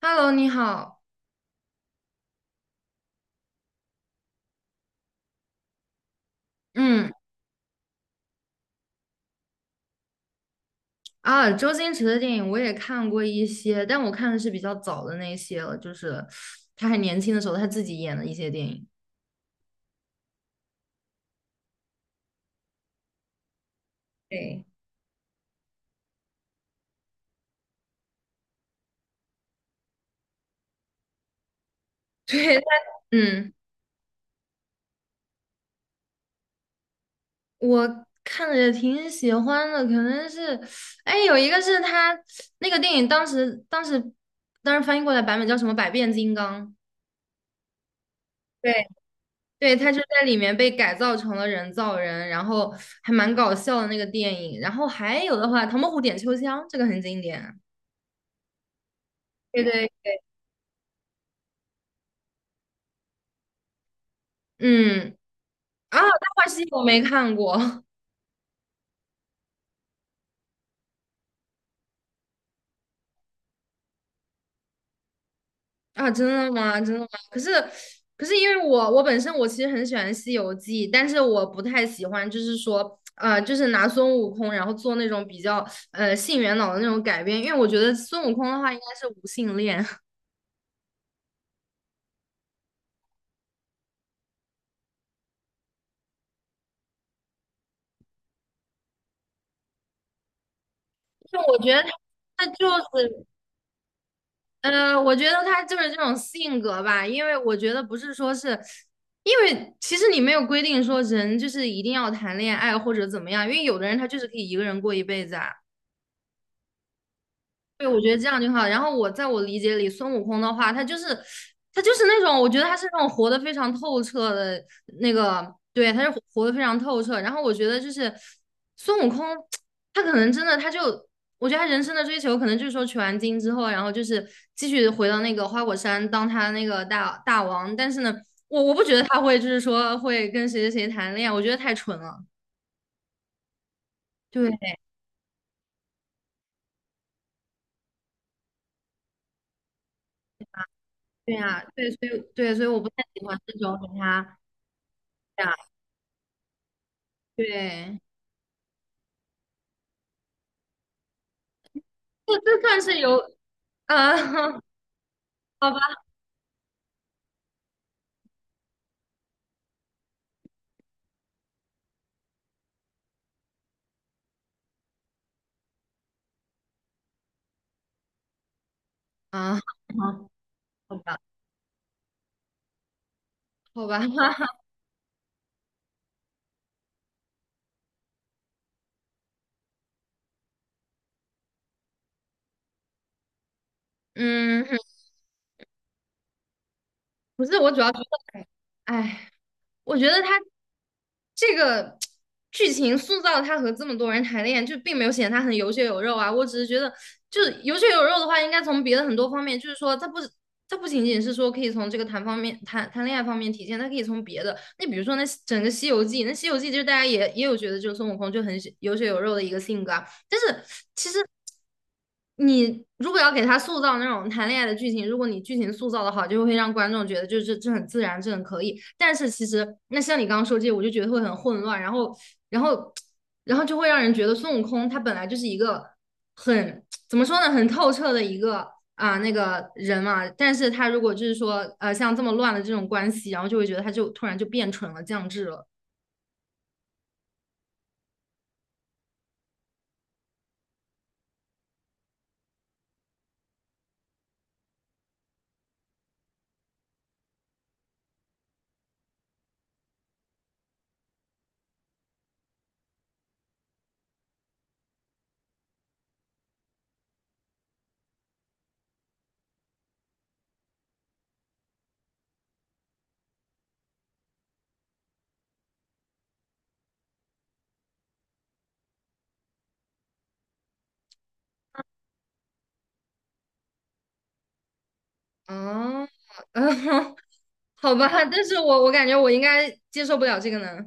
Hello，你好。嗯啊，周星驰的电影我也看过一些，但我看的是比较早的那些了，就是他还年轻的时候他自己演的一些电影。对。 对，嗯，我看着也挺喜欢的，可能是，哎，有一个是他那个电影当时翻译过来版本叫什么《百变金刚》。对，对，他就在里面被改造成了人造人，然后还蛮搞笑的那个电影。然后还有的话，《唐伯虎点秋香》这个很经典。对对，嗯。啊，《大话西游》我没看过。 啊，真的吗？真的吗？可是因为我本身我其实很喜欢《西游记》，但是我不太喜欢，就是说就是拿孙悟空然后做那种比较性缘脑的那种改编，因为我觉得孙悟空的话应该是无性恋，就我觉得他他是。我觉得他就是这种性格吧，因为我觉得不是说是，因为其实你没有规定说人就是一定要谈恋爱或者怎么样，因为有的人他就是可以一个人过一辈子啊。对，我觉得这样就好。然后我在我理解里，孙悟空的话，他就是那种，我觉得他是那种活得非常透彻的那个，对，他是活得非常透彻。然后我觉得就是孙悟空，他可能真的他就，我觉得他人生的追求可能就是说取完经之后，然后就是继续回到那个花果山当他那个大王。但是呢，我不觉得他会就是说会跟谁谁谁谈恋爱，我觉得太蠢了。对。对呀，对，所以对，所以我不太喜欢这种给他，对呀，对。这这算是有，啊？好吧，啊，好，好吧，好吧，嗯，不是，我主要觉得，哎，哎，我觉得他这个剧情塑造他和这么多人谈恋爱，就并没有显得他很有血有肉啊。我只是觉得，就是有血有肉的话，应该从别的很多方面，就是说，他不是，他不仅仅是说可以从这个谈方面谈恋爱方面体现，他可以从别的，那比如说那整个《西游记》，那《西游记》就是大家也有觉得，就是孙悟空就很有血有肉的一个性格啊。但是其实你如果要给他塑造那种谈恋爱的剧情，如果你剧情塑造的好，就会让观众觉得就是这很自然，这很可以。但是其实那像你刚刚说这些，我就觉得会很混乱，然后然后然后就会让人觉得孙悟空他本来就是一个很怎么说呢，很透彻的一个啊、那个人嘛。但是他如果就是说像这么乱的这种关系，然后就会觉得他就突然就变蠢了，降智了。哦，好吧，但是我感觉我应该接受不了这个呢。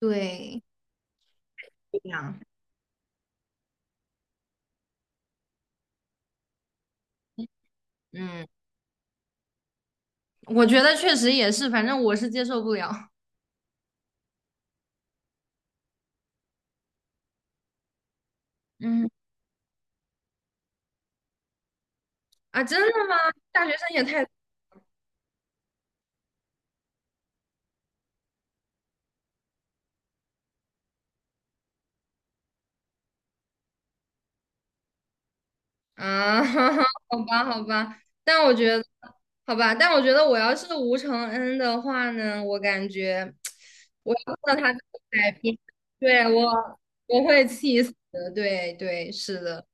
对，不一样。嗯，我觉得确实也是，反正我是接受不了。嗯。啊，真的吗？大学生也太。啊，好吧，好吧，但我觉得，好吧，但我觉得我要是吴承恩的话呢，我感觉我要看到他这个改变，对，我会气死的。对对，是的。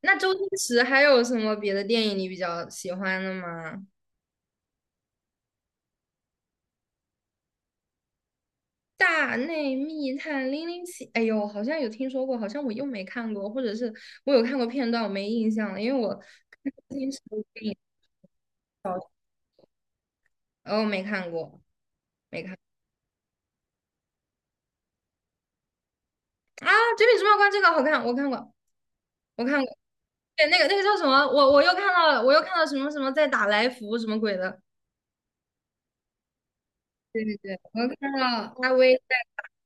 那周星驰还有什么别的电影你比较喜欢的吗？大内密探零零七，哎呦，好像有听说过，好像我又没看过，或者是我有看过片段，我没印象了，因为我看时候电影少，哦，没看过，没看。啊，《绝命毒药关》这个好看，我看过，我看过，对，那个那个叫什么？我又看到了，我又看到什么什么在打来福什么鬼的，对对对，我又看到阿威在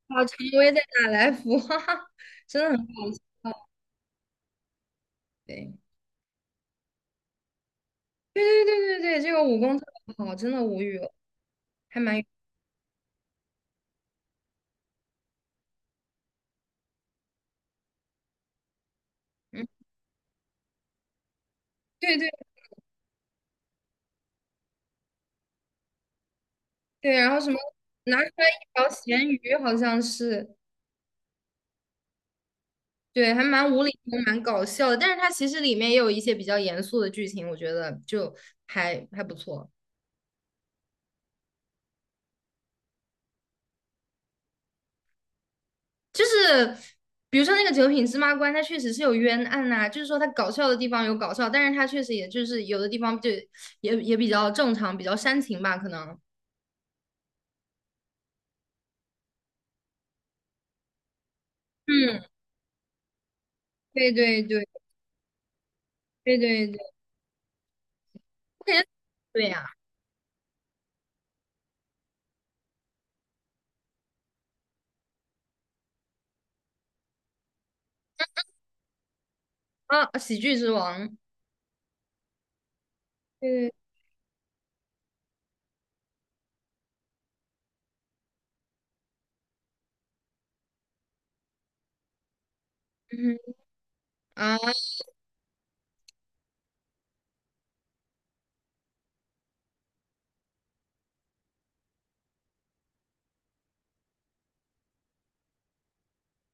打，啊，陈威在打来福，哈哈，真的很好笑，对对对对对对，这个武功特别好，真的无语了，还蛮有。嗯。对对对，然后什么拿出来一条咸鱼，好像是，对，还蛮无厘头，蛮搞笑的。但是它其实里面也有一些比较严肃的剧情，我觉得就还还不错。就是比如说那个九品芝麻官，它确实是有冤案呐、就是说它搞笑的地方有搞笑，但是它确实也就是有的地方就也比较正常，比较煽情吧，可能。嗯，对对对对对对，我感觉对呀、啊，喜剧之王，对对。嗯哼。啊。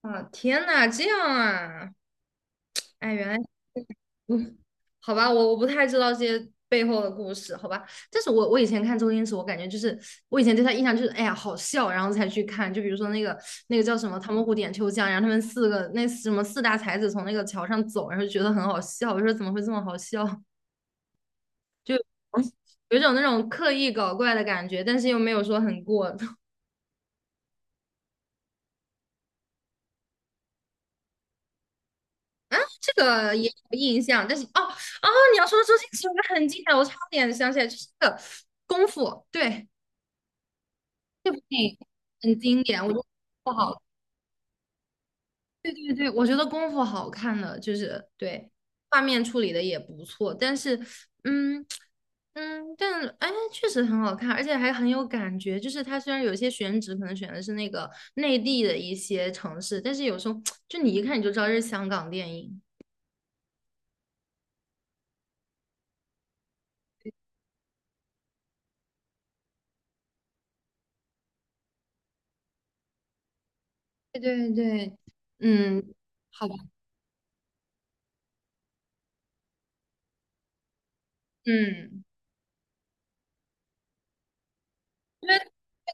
啊，天呐，这样啊。哎，原来，嗯，好吧，我不太知道这些背后的故事，好吧。但是我我以前看周星驰，我感觉就是我以前对他印象就是，哎呀，好笑，然后才去看。就比如说那个那个叫什么《唐伯虎点秋香》，然后他们四个那什么四大才子从那个桥上走，然后就觉得很好笑。我说怎么会这么好笑？就有一种那种刻意搞怪的感觉，但是又没有说很过。这个也有印象，但是哦哦，你要说的周星驰，我还很经典，我差点想起来，就是那个功夫，对。这部电影很经典，我觉得不好。对对对，我觉得功夫好看的就是对画面处理的也不错，但是嗯。嗯，但哎确实很好看，而且还很有感觉。就是它虽然有些选址可能选的是那个内地的一些城市，但是有时候就你一看你就知道这是香港电影。对对对，嗯，好吧，嗯，因为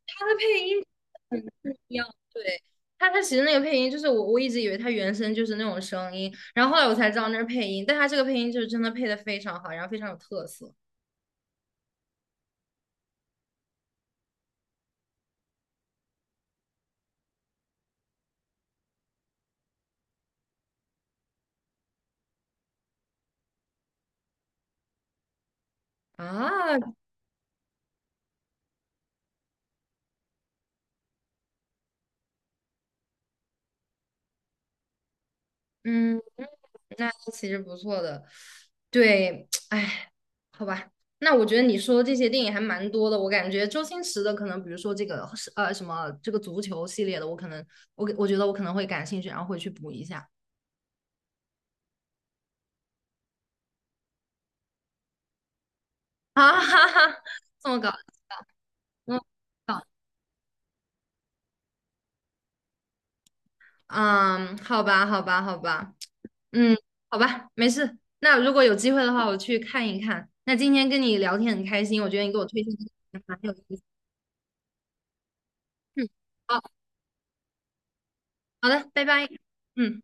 它的配音。很重要，对。他他其实那个配音就是我一直以为他原声就是那种声音，然后后来我才知道那是配音，但他这个配音就是真的配的非常好，然后非常有特色。啊，嗯，那其实不错的，对，哎，好吧，那我觉得你说的这些电影还蛮多的，我感觉周星驰的可能比如说这个是什么这个足球系列的，我可能我我觉得我可能会感兴趣，然后会去补一下。啊，哈哈，这么搞，这么搞，嗯，好吧，好吧，好吧。嗯，好吧，没事。那如果有机会的话，我去看一看。那今天跟你聊天很开心，我觉得你给我推荐的还蛮有意思。嗯，好。好的，拜拜。嗯。